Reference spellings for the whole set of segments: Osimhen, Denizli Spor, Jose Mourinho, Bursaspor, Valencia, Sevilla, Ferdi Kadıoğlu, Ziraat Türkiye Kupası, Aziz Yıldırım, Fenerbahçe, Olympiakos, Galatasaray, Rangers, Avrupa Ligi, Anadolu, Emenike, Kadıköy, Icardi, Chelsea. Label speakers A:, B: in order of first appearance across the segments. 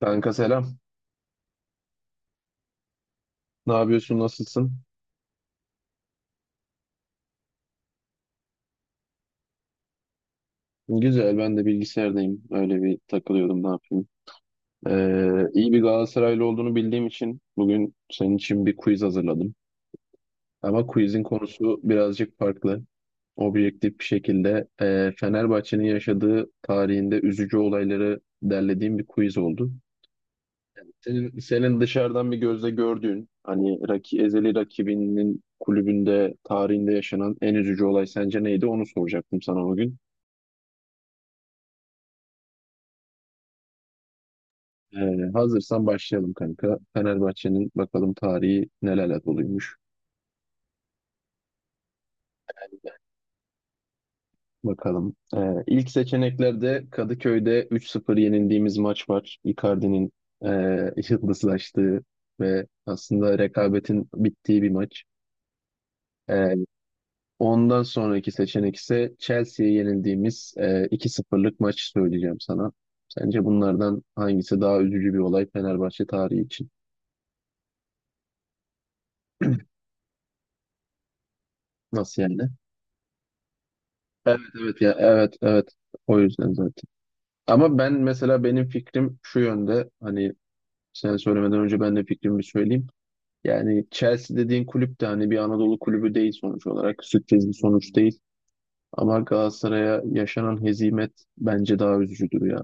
A: Kanka selam. Ne yapıyorsun? Nasılsın? Güzel. Ben de bilgisayardayım. Öyle bir takılıyordum. Ne yapayım? İyi bir Galatasaraylı olduğunu bildiğim için bugün senin için bir quiz hazırladım. Ama quizin konusu birazcık farklı. Objektif bir şekilde Fenerbahçe'nin yaşadığı tarihinde üzücü olayları derlediğim bir quiz oldu. Senin dışarıdan bir gözle gördüğün, hani ezeli rakibinin kulübünde tarihinde yaşanan en üzücü olay sence neydi? Onu soracaktım sana bugün. Hazırsan başlayalım kanka. Fenerbahçe'nin bakalım tarihi nelerle doluymuş. Bakalım. İlk seçeneklerde Kadıköy'de 3-0 yenildiğimiz maç var. Icardi'nin yıldızlaştığı ve aslında rekabetin bittiği bir maç. Ee, ondan sonraki seçenek ise Chelsea'ye yenildiğimiz 2-0'lık maç söyleyeceğim sana. Sence bunlardan hangisi daha üzücü bir olay Fenerbahçe tarihi için? Nasıl yani? Evet, evet, ya, evet, evet, o yüzden zaten. Ama ben mesela benim fikrim şu yönde hani sen söylemeden önce ben de fikrimi söyleyeyim. Yani Chelsea dediğin kulüp de hani bir Anadolu kulübü değil sonuç olarak. Sürpriz bir sonuç değil. Ama Galatasaray'a yaşanan hezimet bence daha üzücüdür ya.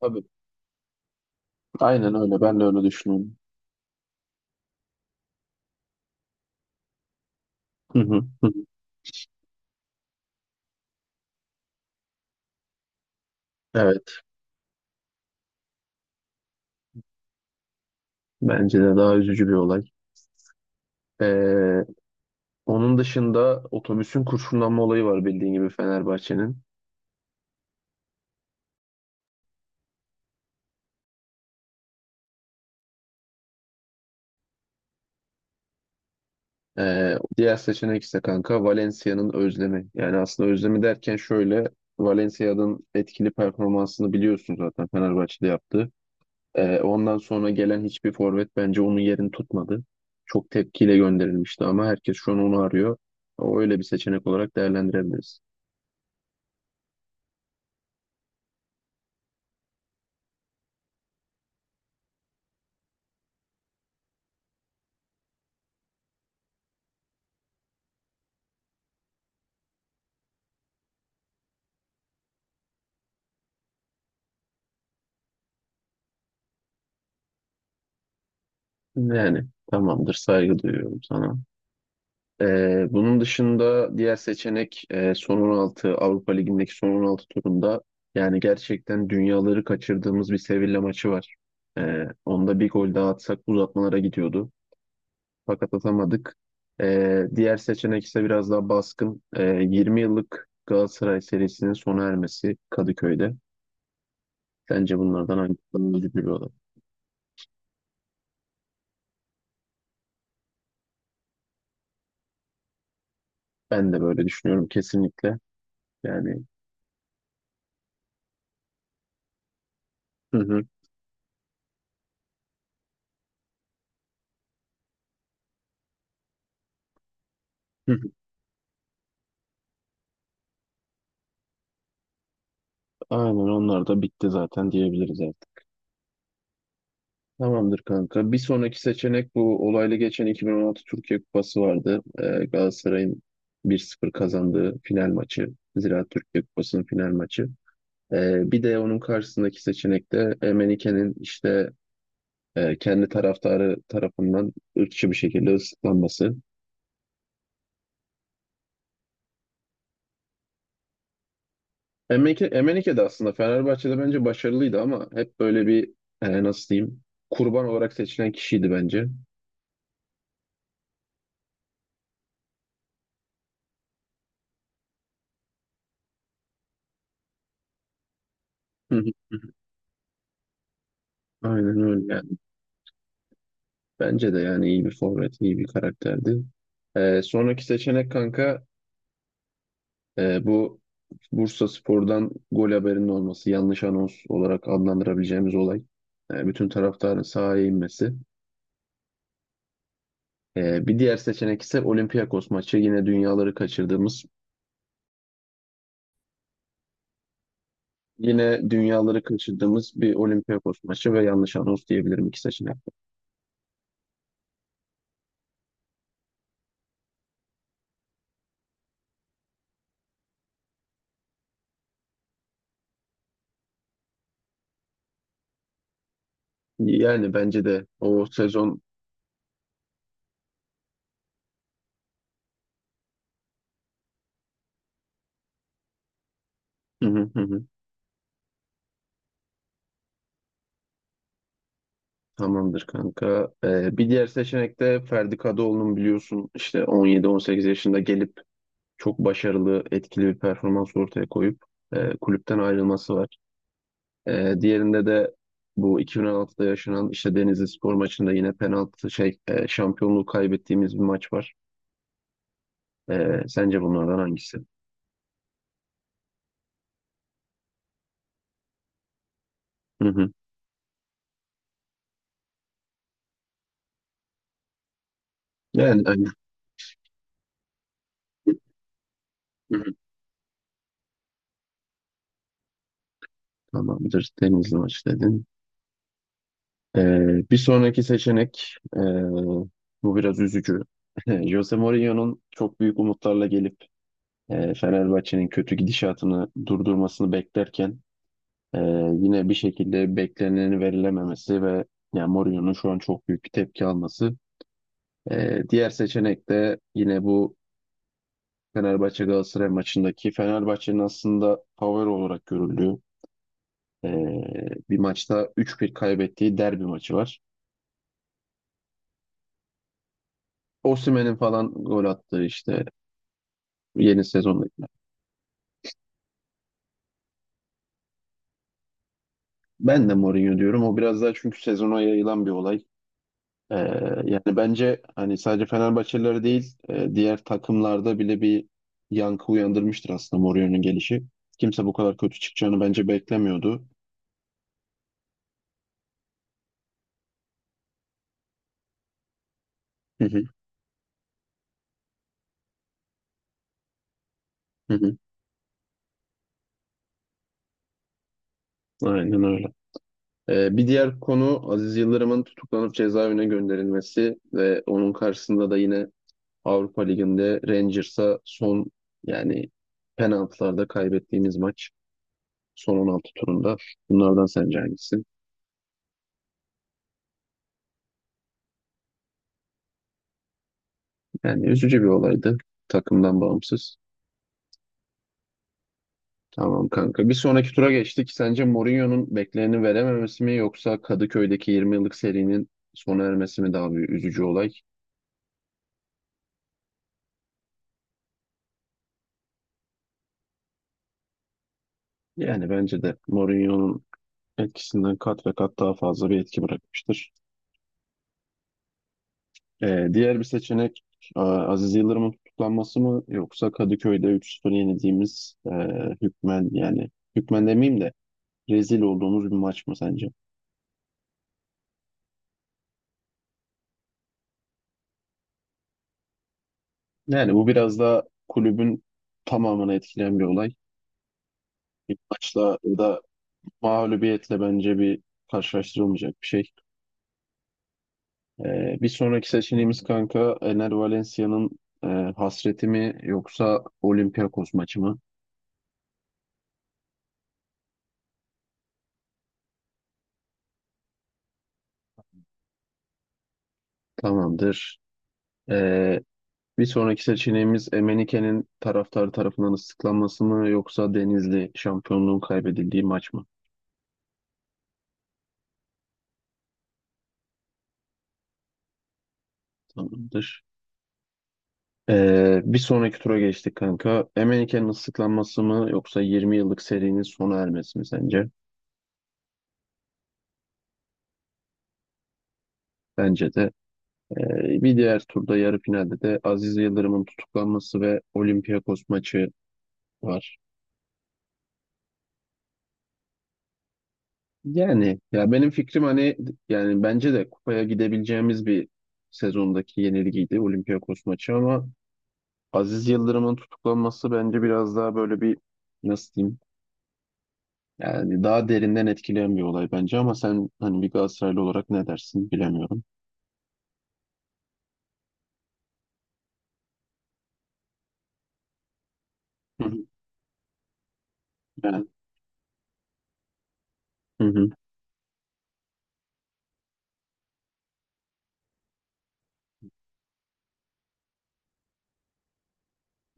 A: Tabii. Aynen öyle. Ben de öyle düşünüyorum. Hı hı, hı. Evet. Bence de daha üzücü bir olay. Ee, onun dışında otobüsün kurşunlanma olayı var bildiğin gibi Fenerbahçe'nin. Diğer seçenek ise kanka Valencia'nın özlemi. Yani aslında özlemi derken şöyle Valencia'nın etkili performansını biliyorsun zaten Fenerbahçe'de yaptı. Ondan sonra gelen hiçbir forvet bence onun yerini tutmadı. Çok tepkiyle gönderilmişti ama herkes şu an onu arıyor. O öyle bir seçenek olarak değerlendirebiliriz. Yani tamamdır, saygı duyuyorum sana. Bunun dışında diğer seçenek son 16 Avrupa Ligi'ndeki son 16 turunda yani gerçekten dünyaları kaçırdığımız bir Sevilla maçı var. Onda bir gol daha atsak uzatmalara gidiyordu. Fakat atamadık. Diğer seçenek ise biraz daha baskın. 20 yıllık Galatasaray serisinin sona ermesi Kadıköy'de. Bence bunlardan hangisi daha üzücü bir olay? Ben de böyle düşünüyorum kesinlikle. Yani, hı hı. Hı hı. Aynen onlar da bitti zaten diyebiliriz. Tamamdır kanka. Bir sonraki seçenek bu olaylı geçen 2016 Türkiye Kupası vardı. Galatasaray'ın 1-0 kazandığı final maçı. Ziraat Türkiye Kupası'nın final maçı. Bir de onun karşısındaki seçenek de Emenike'nin işte kendi taraftarı tarafından ırkçı bir şekilde ıslıklanması. Emenike de aslında Fenerbahçe'de bence başarılıydı ama hep böyle bir nasıl diyeyim, kurban olarak seçilen kişiydi bence. Hı hı. Aynen öyle. Bence de yani iyi bir forvet, iyi bir karakterdi. Sonraki seçenek kanka bu Bursaspor'dan gol haberinin olması, yanlış anons olarak adlandırabileceğimiz olay. Bütün taraftarın sahaya inmesi. Bir diğer seçenek ise Olympiakos maçı. Yine dünyaları kaçırdığımız bir Olympiakos maçı ve yanlış anons diyebilirim iki seçenek. Yani bence de o sezon. Tamamdır kanka. Bir diğer seçenek de Ferdi Kadıoğlu'nun biliyorsun işte 17-18 yaşında gelip çok başarılı, etkili bir performans ortaya koyup kulüpten ayrılması var. Diğerinde de bu 2016'da yaşanan işte Denizli Spor maçında yine penaltı şampiyonluğu kaybettiğimiz bir maç var. Sence bunlardan hangisi? Hı hı. Yani aynen. Hı hı. Tamamdır. Denizli maç dedin. Bir sonraki seçenek, bu biraz üzücü. Jose Mourinho'nun çok büyük umutlarla gelip Fenerbahçe'nin kötü gidişatını durdurmasını beklerken ee, yine bir şekilde bekleneni verilememesi ve yani Mourinho'nun şu an çok büyük bir tepki alması. Diğer seçenek de yine bu Fenerbahçe Galatasaray maçındaki Fenerbahçe'nin aslında favori olarak görüldüğü ee, bir maçta 3-1 kaybettiği derbi maçı var. Osimhen'in falan gol attığı işte yeni sezondakiler. Ben de Mourinho diyorum. O biraz daha çünkü sezona yayılan bir olay. Ee, yani bence hani sadece Fenerbahçeliler değil, diğer takımlarda bile bir yankı uyandırmıştır aslında Mourinho'nun gelişi. Kimse bu kadar kötü çıkacağını bence beklemiyordu. Hı hı, hı hı. Aynen öyle. Bir diğer konu Aziz Yıldırım'ın tutuklanıp cezaevine gönderilmesi ve onun karşısında da yine Avrupa Ligi'nde Rangers'a son, yani penaltılarda kaybettiğimiz maç. Son 16 turunda. Bunlardan sence hangisi? Yani üzücü bir olaydı. Takımdan bağımsız. Tamam kanka. Bir sonraki tura geçtik. Sence Mourinho'nun bekleneni verememesi mi yoksa Kadıköy'deki 20 yıllık serinin sona ermesi mi daha bir üzücü olay? Yani bence de Mourinho'nun etkisinden kat ve kat daha fazla bir etki bırakmıştır. Diğer bir seçenek Aziz Yıldırım'ın tutuklanması mı yoksa Kadıköy'de üç 0 yenildiğimiz hükmen yani hükmen demeyeyim de rezil olduğumuz bir maç mı sence? Yani bu biraz da kulübün tamamını etkileyen bir olay. Bir maçla ya da mağlubiyetle bence bir karşılaştırılmayacak bir şey. Bir sonraki seçeneğimiz kanka Ener Valencia'nın e, hasreti mi yoksa Olympiakos maçı mı? Tamamdır. Ee, bir sonraki seçeneğimiz Emenike'nin taraftarı tarafından ıslıklanması mı yoksa Denizli şampiyonluğun kaybedildiği maç mı? Tamamdır. Bir sonraki tura geçtik kanka. Emenike'nin ıslıklanması mı yoksa 20 yıllık serinin sona ermesi mi sence? Bence de. Bir diğer turda yarı finalde de Aziz Yıldırım'ın tutuklanması ve Olympiakos maçı var. Yani ya benim fikrim hani yani bence de kupaya gidebileceğimiz bir sezondaki yenilgiydi Olympiakos maçı ama Aziz Yıldırım'ın tutuklanması bence biraz daha böyle bir nasıl diyeyim, yani daha derinden etkileyen bir olay bence ama sen hani bir Galatasaraylı olarak ne dersin bilemiyorum. Hı hı. Ben, hı hı.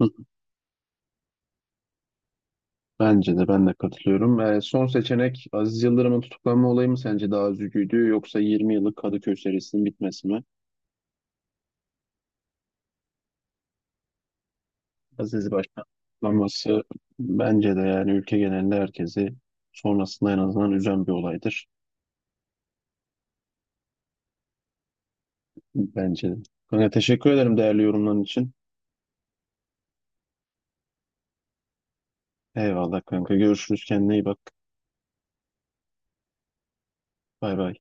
A: Hı. Bence de, ben de katılıyorum. Son seçenek Aziz Yıldırım'ın tutuklanma olayı mı sence daha üzücüydü yoksa 20 yıllık Kadıköy serisinin bitmesi mi? Aziz Başkan tutuklanması bence de yani ülke genelinde herkesi sonrasında en azından üzen bir olaydır. Bence de. Kanka teşekkür ederim değerli yorumların için. Eyvallah kanka, görüşürüz, kendine iyi bak. Bay bay.